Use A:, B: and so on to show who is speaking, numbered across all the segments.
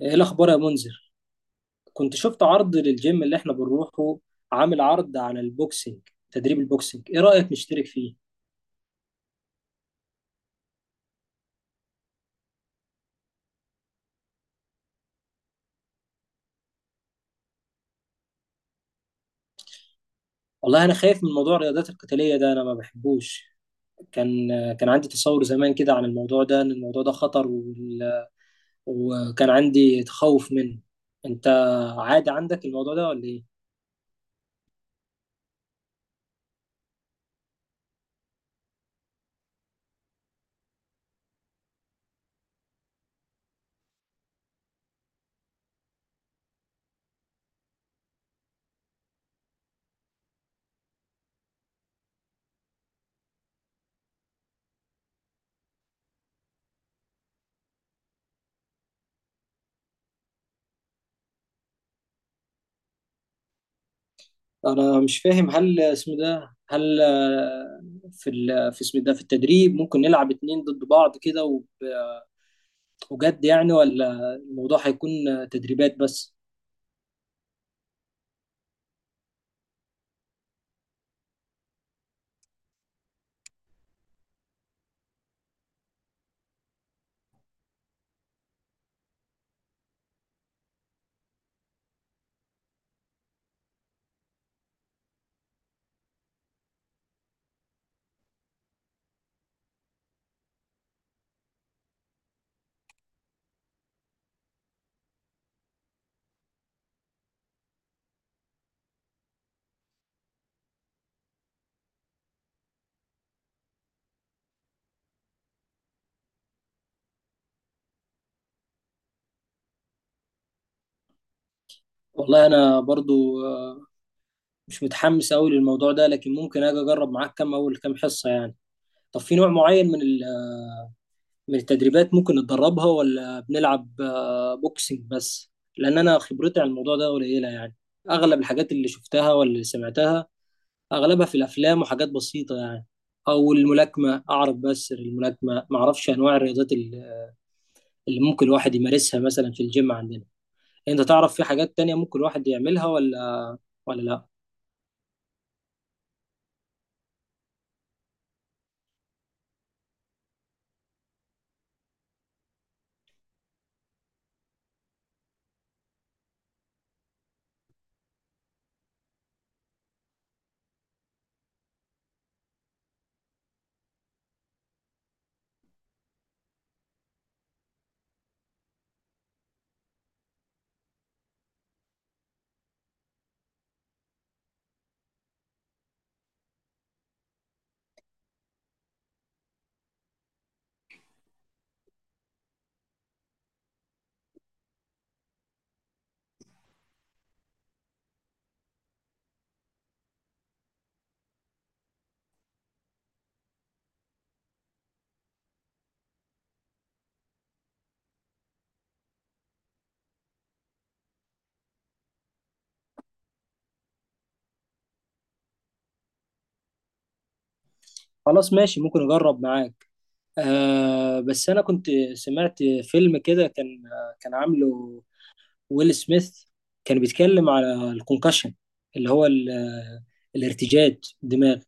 A: ايه الاخبار يا منذر؟ كنت شفت عرض للجيم اللي احنا بنروحه، عامل عرض على البوكسينج، تدريب البوكسينج. ايه رايك نشترك فيه؟ والله انا خايف من موضوع الرياضات القتاليه ده، انا ما بحبوش. كان كان عندي تصور زمان كده عن الموضوع ده ان الموضوع ده خطر، وكان عندي تخوف منه. انت عادي عندك الموضوع ده ولا ايه؟ انا مش فاهم، هل اسمه ده، هل في في اسمه ده، في التدريب ممكن نلعب اتنين ضد بعض كده بجد يعني، ولا الموضوع هيكون تدريبات بس؟ والله انا برضو مش متحمس قوي للموضوع ده، لكن ممكن اجي اجرب معاك اول كام حصة يعني. طب في نوع معين من من التدريبات ممكن نتدربها، ولا بنلعب بوكسنج بس؟ لان انا خبرتي عن الموضوع ده قليلة يعني. اغلب الحاجات اللي شفتها ولا اللي سمعتها اغلبها في الافلام وحاجات بسيطة يعني. او الملاكمة اعرف، بس الملاكمة ما اعرفش انواع الرياضات اللي ممكن الواحد يمارسها مثلا في الجيم عندنا. انت تعرف في حاجات تانية ممكن الواحد يعملها ولا لا؟ خلاص ماشي، ممكن اجرب معاك. آه بس انا كنت سمعت فيلم كده، كان عامله ويل سميث، كان بيتكلم على الكونكشن، اللي هو الارتجاج الدماغ.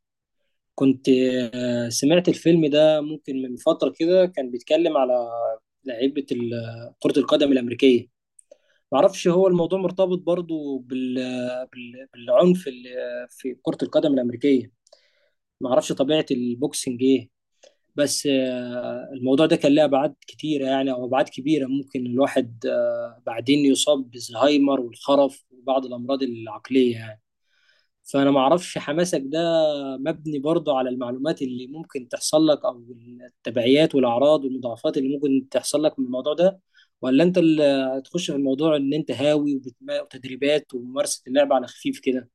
A: كنت آه سمعت الفيلم ده ممكن من فترة كده، كان بيتكلم على لعيبة كرة القدم الأمريكية. معرفش هو الموضوع مرتبط برضو بالعنف اللي في كرة القدم الأمريكية. ما اعرفش طبيعه البوكسنج ايه. بس الموضوع ده كان له ابعاد كتيره يعني، او ابعاد كبيره، ممكن الواحد بعدين يصاب بالزهايمر والخرف وبعض الامراض العقليه يعني. فانا ما اعرفش حماسك ده مبني برضه على المعلومات اللي ممكن تحصل لك، او التبعيات والاعراض والمضاعفات اللي ممكن تحصل لك من الموضوع ده، ولا انت اللي هتخش في الموضوع ان انت هاوي وتدريبات وممارسه اللعبه على خفيف كده؟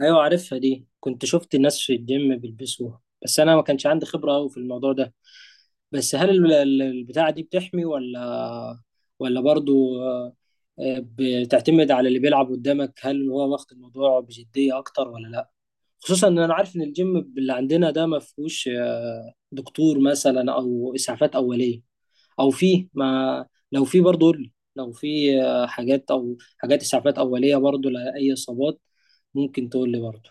A: ايوه عارفها دي، كنت شفت الناس في الجيم بيلبسوها، بس انا ما كانش عندي خبرة قوي في الموضوع ده. بس هل البتاعة دي بتحمي، ولا برضو بتعتمد على اللي بيلعب قدامك هل هو واخد الموضوع بجدية اكتر ولا لا؟ خصوصا ان انا عارف ان الجيم اللي عندنا ده ما فيهوش دكتور مثلا او اسعافات اولية. او فيه ما لو فيه برضو قول لي، لو فيه حاجات او حاجات اسعافات اولية برضو لاي اصابات ممكن تقول لي برضو.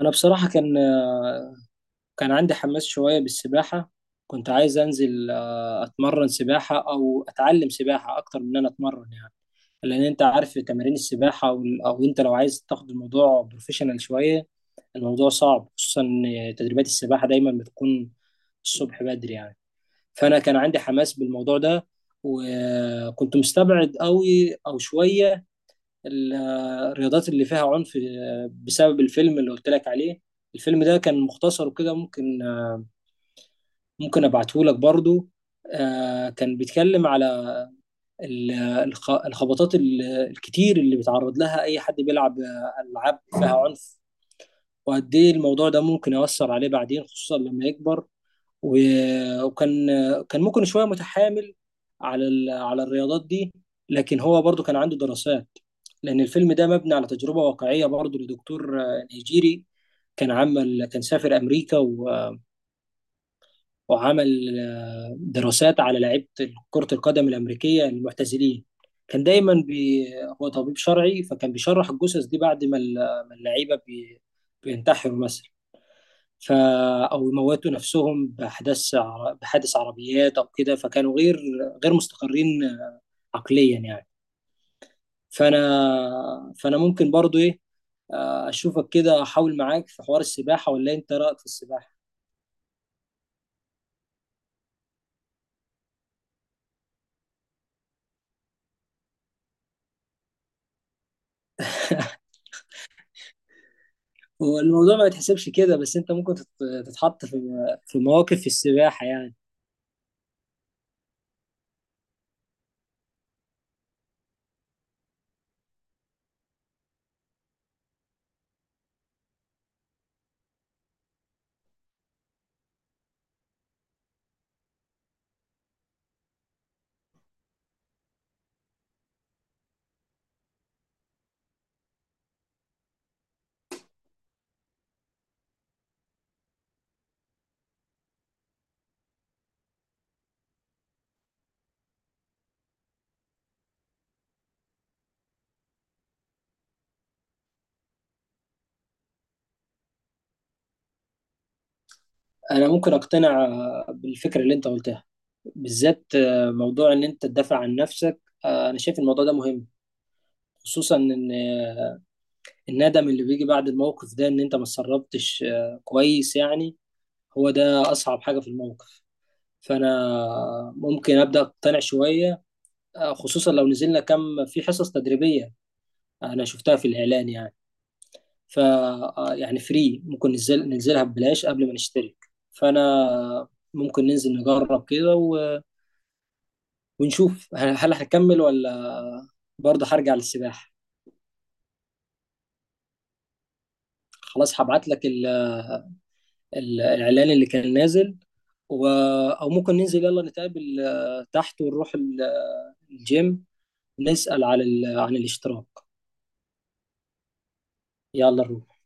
A: انا بصراحه كان عندي حماس شويه بالسباحه. كنت عايز انزل اتمرن سباحه او اتعلم سباحه اكتر من ان انا اتمرن يعني. لان انت عارف تمارين السباحه او انت لو عايز تاخد الموضوع بروفيشنال شويه الموضوع صعب، خصوصا إن تدريبات السباحه دايما بتكون الصبح بدري يعني. فانا كان عندي حماس بالموضوع ده، وكنت مستبعد قوي او شويه ال- الرياضات اللي فيها عنف بسبب الفيلم اللي قلت لك عليه. الفيلم ده كان مختصر وكده، ممكن ابعته لك برضو. كان بيتكلم على ال- الخبطات الكتير اللي بيتعرض لها اي حد بيلعب العاب فيها عنف، وقد ايه الموضوع ده ممكن يؤثر عليه بعدين خصوصا لما يكبر. وكان ممكن شويه متحامل على على الرياضات دي، لكن هو برضو كان عنده دراسات. لان الفيلم ده مبني على تجربه واقعيه برضو لدكتور نيجيري. كان سافر امريكا وعمل دراسات على لعيبه كره القدم الامريكيه المعتزلين. كان دايما بي هو طبيب شرعي، فكان بيشرح الجثث دي بعد ما ما اللعيبه بينتحروا مثلا، ف او يموتوا نفسهم باحداث بحادث عربيات او كده. فكانوا غير مستقرين عقليا يعني. فانا ممكن برضو ايه، اشوفك كده احاول معاك في حوار السباحه. ولا انت رايك في السباحه؟ هو الموضوع ما يتحسبش كده، بس انت ممكن تتحط في مواقف في السباحه يعني. انا ممكن اقتنع بالفكره اللي انت قلتها، بالذات موضوع ان انت تدافع عن نفسك. انا شايف الموضوع ده مهم، خصوصا ان الندم اللي بيجي بعد الموقف ده ان انت ما اتسربتش كويس يعني، هو ده اصعب حاجة في الموقف. فانا ممكن ابدا اقتنع شوية، خصوصا لو نزلنا كم في حصص تدريبية. انا شفتها في الاعلان يعني، ف آه، يعني فري ممكن ننزل ننزلها ببلاش قبل ما نشترك. فانا ممكن ننزل نجرب كده ونشوف هل هكمل، ولا برضه هرجع للسباحة. خلاص هبعت لك الإعلان اللي كان نازل و... أو ممكن ننزل، يلا نتقابل تحت ونروح الجيم، نسأل على عن الاشتراك. يلا نروح.